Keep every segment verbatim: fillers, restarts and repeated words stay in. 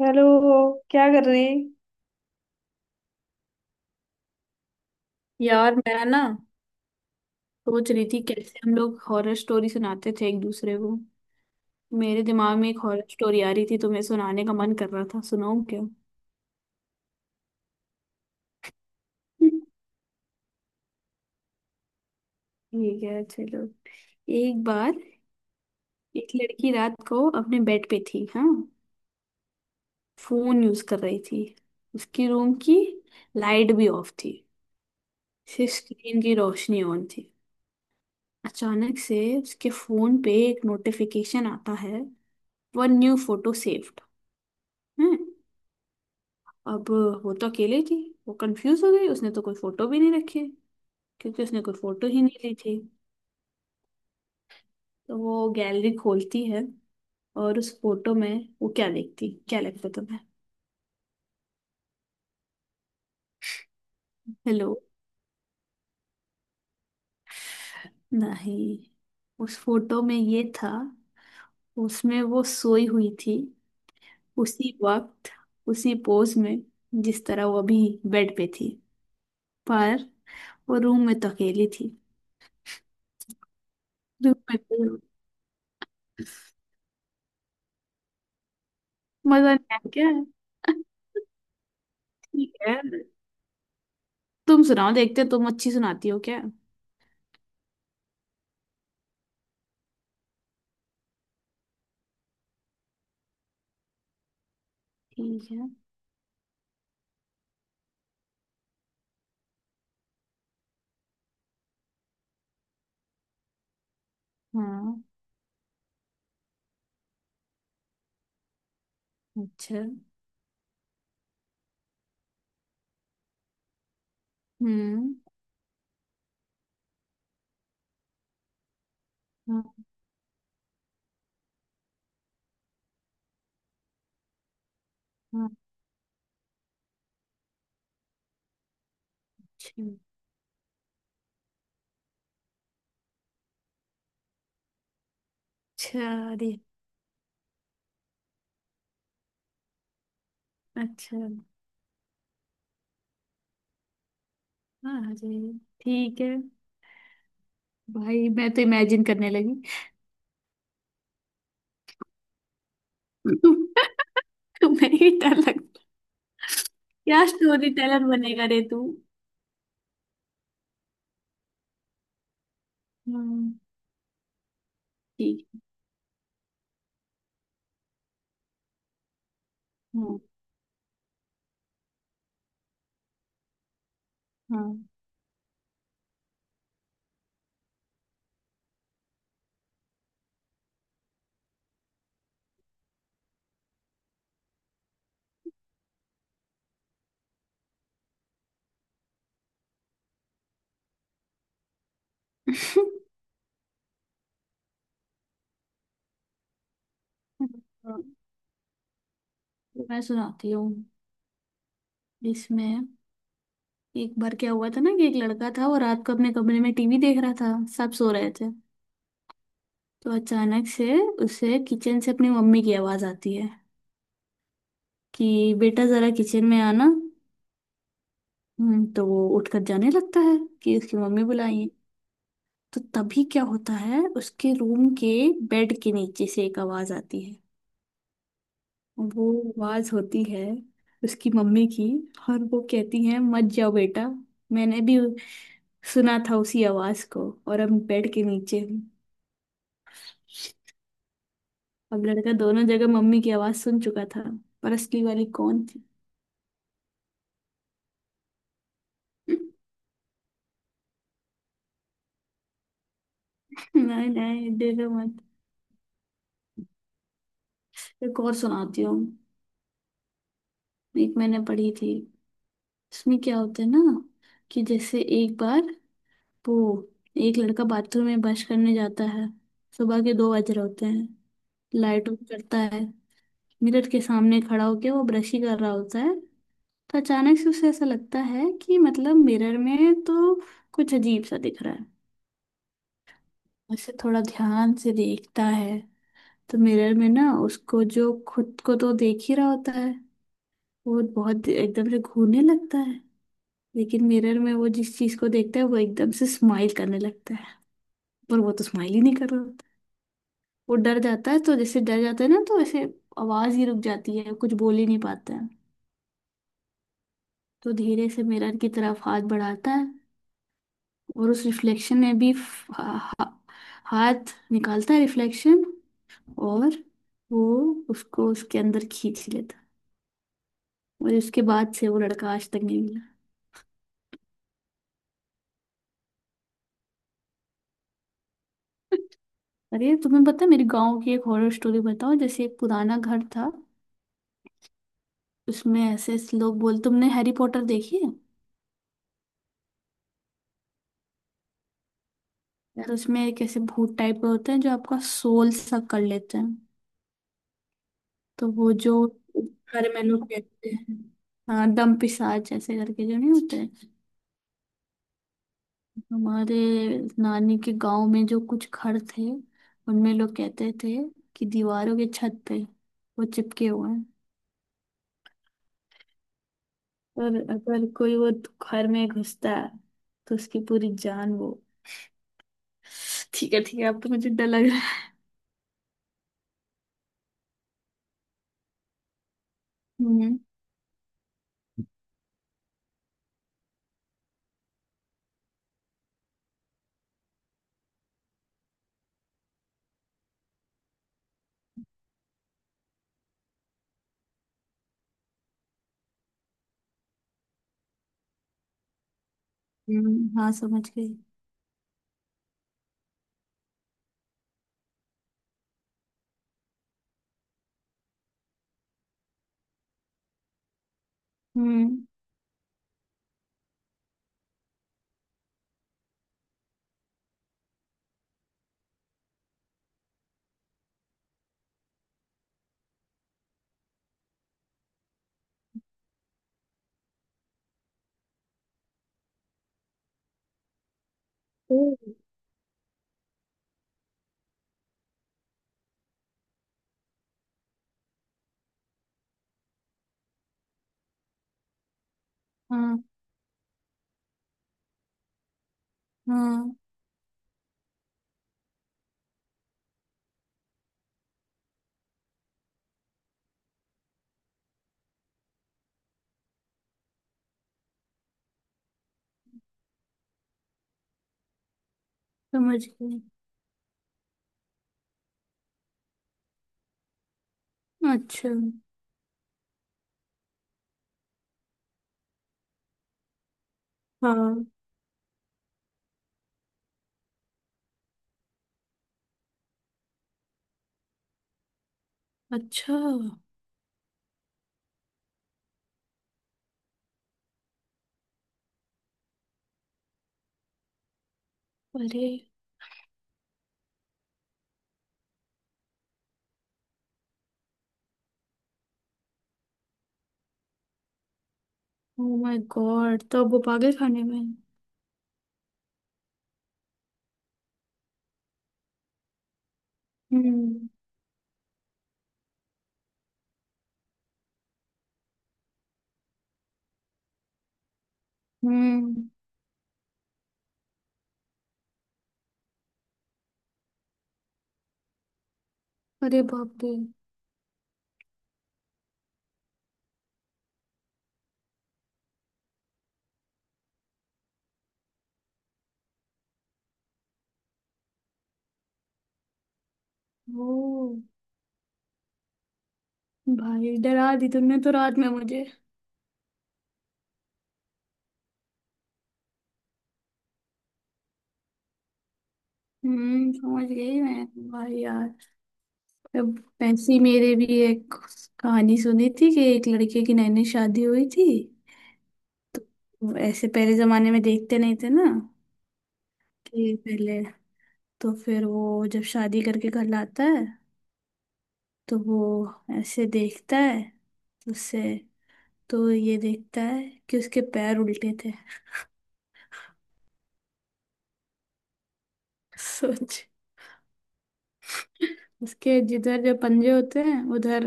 Hello. क्या कर रही? यार मैं ना सोच रही थी कैसे हम लोग हॉरर स्टोरी सुनाते थे एक दूसरे को। मेरे दिमाग में एक हॉरर स्टोरी आ रही थी तो मैं सुनाने का मन कर रहा था, सुनाऊं क्या? ठीक है, चलो। एक बार एक लड़की रात को अपने बेड पे थी, हाँ, फोन यूज कर रही थी। उसकी रूम की लाइट भी ऑफ थी, सिर्फ स्क्रीन की रोशनी ऑन थी। अचानक से उसके फोन पे एक नोटिफिकेशन आता है, वन न्यू फोटो सेव्ड। अब वो तो अकेले थी, वो कंफ्यूज हो गई, उसने तो कोई फोटो भी नहीं रखी क्योंकि उसने कोई फोटो ही नहीं ली थी। तो वो गैलरी खोलती है, और उस फोटो में वो क्या देखती, क्या लगता तुम्हें? हेलो। नहीं, उस फोटो में ये था, उसमें वो सोई हुई थी, उसी वक्त, उसी पोज में, जिस तरह वो अभी बेड पे थी। पर वो रूम में तो अकेली थी, रूम में कोई- मजा नहीं आया क्या? ठीक है, तुम सुनाओ, देखते हैं तुम अच्छी सुनाती हो क्या। ठीक है। हाँ। अच्छा। हम्म। हाँ। हाँ, अच्छा। अच्छा। अरे। अच्छा। हाँ, अरे, ठीक है, भाई मैं तो इमेजिन करने लगी। तुम्हें ही डर लगता? क्या स्टोरी टेलर बनेगा रे तू। हम्म। ठीक। हाँ। हाँ। हाँ, तो मैं सुनाती हूँ। इसमें एक बार क्या हुआ था ना कि एक लड़का था, वो रात को अपने कमरे में टीवी देख रहा था, सब सो रहे थे। तो अचानक से उसे किचन से अपनी मम्मी की आवाज आती है कि बेटा जरा किचन में आना। हम्म, तो वो उठकर जाने लगता है कि उसकी मम्मी बुलाई है। तो तभी क्या होता है, उसके रूम के बेड के नीचे से एक आवाज आती है। वो आवाज होती है उसकी मम्मी की, और वो कहती है मत जाओ बेटा, मैंने भी सुना था उसी आवाज को और अब बेड के नीचे हूँ। अब लड़का दोनों जगह मम्मी की आवाज सुन चुका था, पर असली वाली कौन थी? नहीं नहीं, दे दो मत, एक और सुनाती हूँ। एक मैंने पढ़ी थी। इसमें क्या होता है ना कि जैसे एक बार वो, एक लड़का बाथरूम में ब्रश करने जाता है, सुबह के दो बज रहे होते हैं। लाइट ऑफ करता है, मिरर के सामने खड़ा होके वो ब्रश ही कर रहा होता है। तो अचानक से उसे ऐसा लगता है कि मतलब मिरर में तो कुछ अजीब सा दिख रहा है। उसे थोड़ा ध्यान से देखता है तो मिरर में ना, उसको जो खुद को तो देख ही रहा होता है वो बहुत एकदम से घूरने लगता है। लेकिन मिरर में वो जिस चीज को देखता है वो एकदम से स्माइल करने लगता है, पर वो तो स्माइल ही नहीं कर रहा होता। वो डर जाता है, तो जैसे डर जाता है ना तो ऐसे आवाज ही रुक जाती है, कुछ बोल ही नहीं पाता है। तो धीरे से मिरर की तरफ हाथ बढ़ाता है, और उस रिफ्लेक्शन में भी फ- हा, हा- हाथ निकालता है रिफ्लेक्शन, और वो उसको उसके अंदर खींच लेता है। और उसके बाद से वो लड़का आज तक नहीं मिला। अरे तुम्हें पता है मेरे गांव की एक हॉरर स्टोरी बताओ, जैसे एक पुराना घर था, उसमें ऐसे ऐसे लोग बोल, तुमने हैरी पॉटर देखी है? तो उसमें एक ऐसे भूत टाइप का होते हैं जो आपका सोल सब कर लेते हैं। तो वो जो घर में लोग कहते हैं, हाँ दम पिशाच ऐसे करके जो नहीं होते हैं। हमारे नानी के गांव में जो कुछ घर थे, उनमें लोग कहते थे कि दीवारों के छत पे वो चिपके हुए हैं। और अगर कोई वो घर में घुसता है तो उसकी पूरी जान वो, ठीक है ठीक है, अब तो मुझे डर लग रहा है। हम्म। हम्म, हाँ समझ गई। हम्म। ओ। हाँ। हाँ समझ गई। अच्छा। हाँ। अच्छा। अरे। ओ माय गॉड, तो अब वो पागल खाने में है। हम्म। हम्म। अरे बाप रे। ओ। भाई डरा दी तुमने तो रात में मुझे। हम्म समझ गई मैं। भाई यार, अब ऐसी मेरे भी एक कहानी सुनी थी, कि एक लड़के की नैनी शादी हुई थी। तो ऐसे पहले जमाने में देखते नहीं थे ना कि पहले, तो फिर वो जब शादी करके घर लाता है, तो वो ऐसे देखता है, तो उससे, तो ये देखता है कि उसके पैर उल्टे थे। सोच, उसके जिधर जो पंजे होते हैं उधर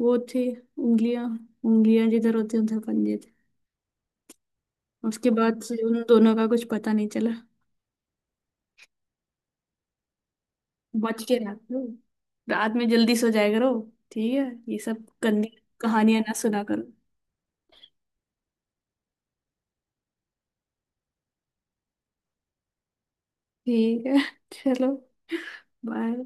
वो थी उंगलियां, उंगलियां जिधर होती हैं उधर पंजे थे। उसके बाद से उन दोनों का कुछ पता नहीं चला। बच के, रात में रात में जल्दी सो जाया करो, ठीक है? ये सब गंदी कहानियां ना सुना करो। ठीक है। चलो, बाय।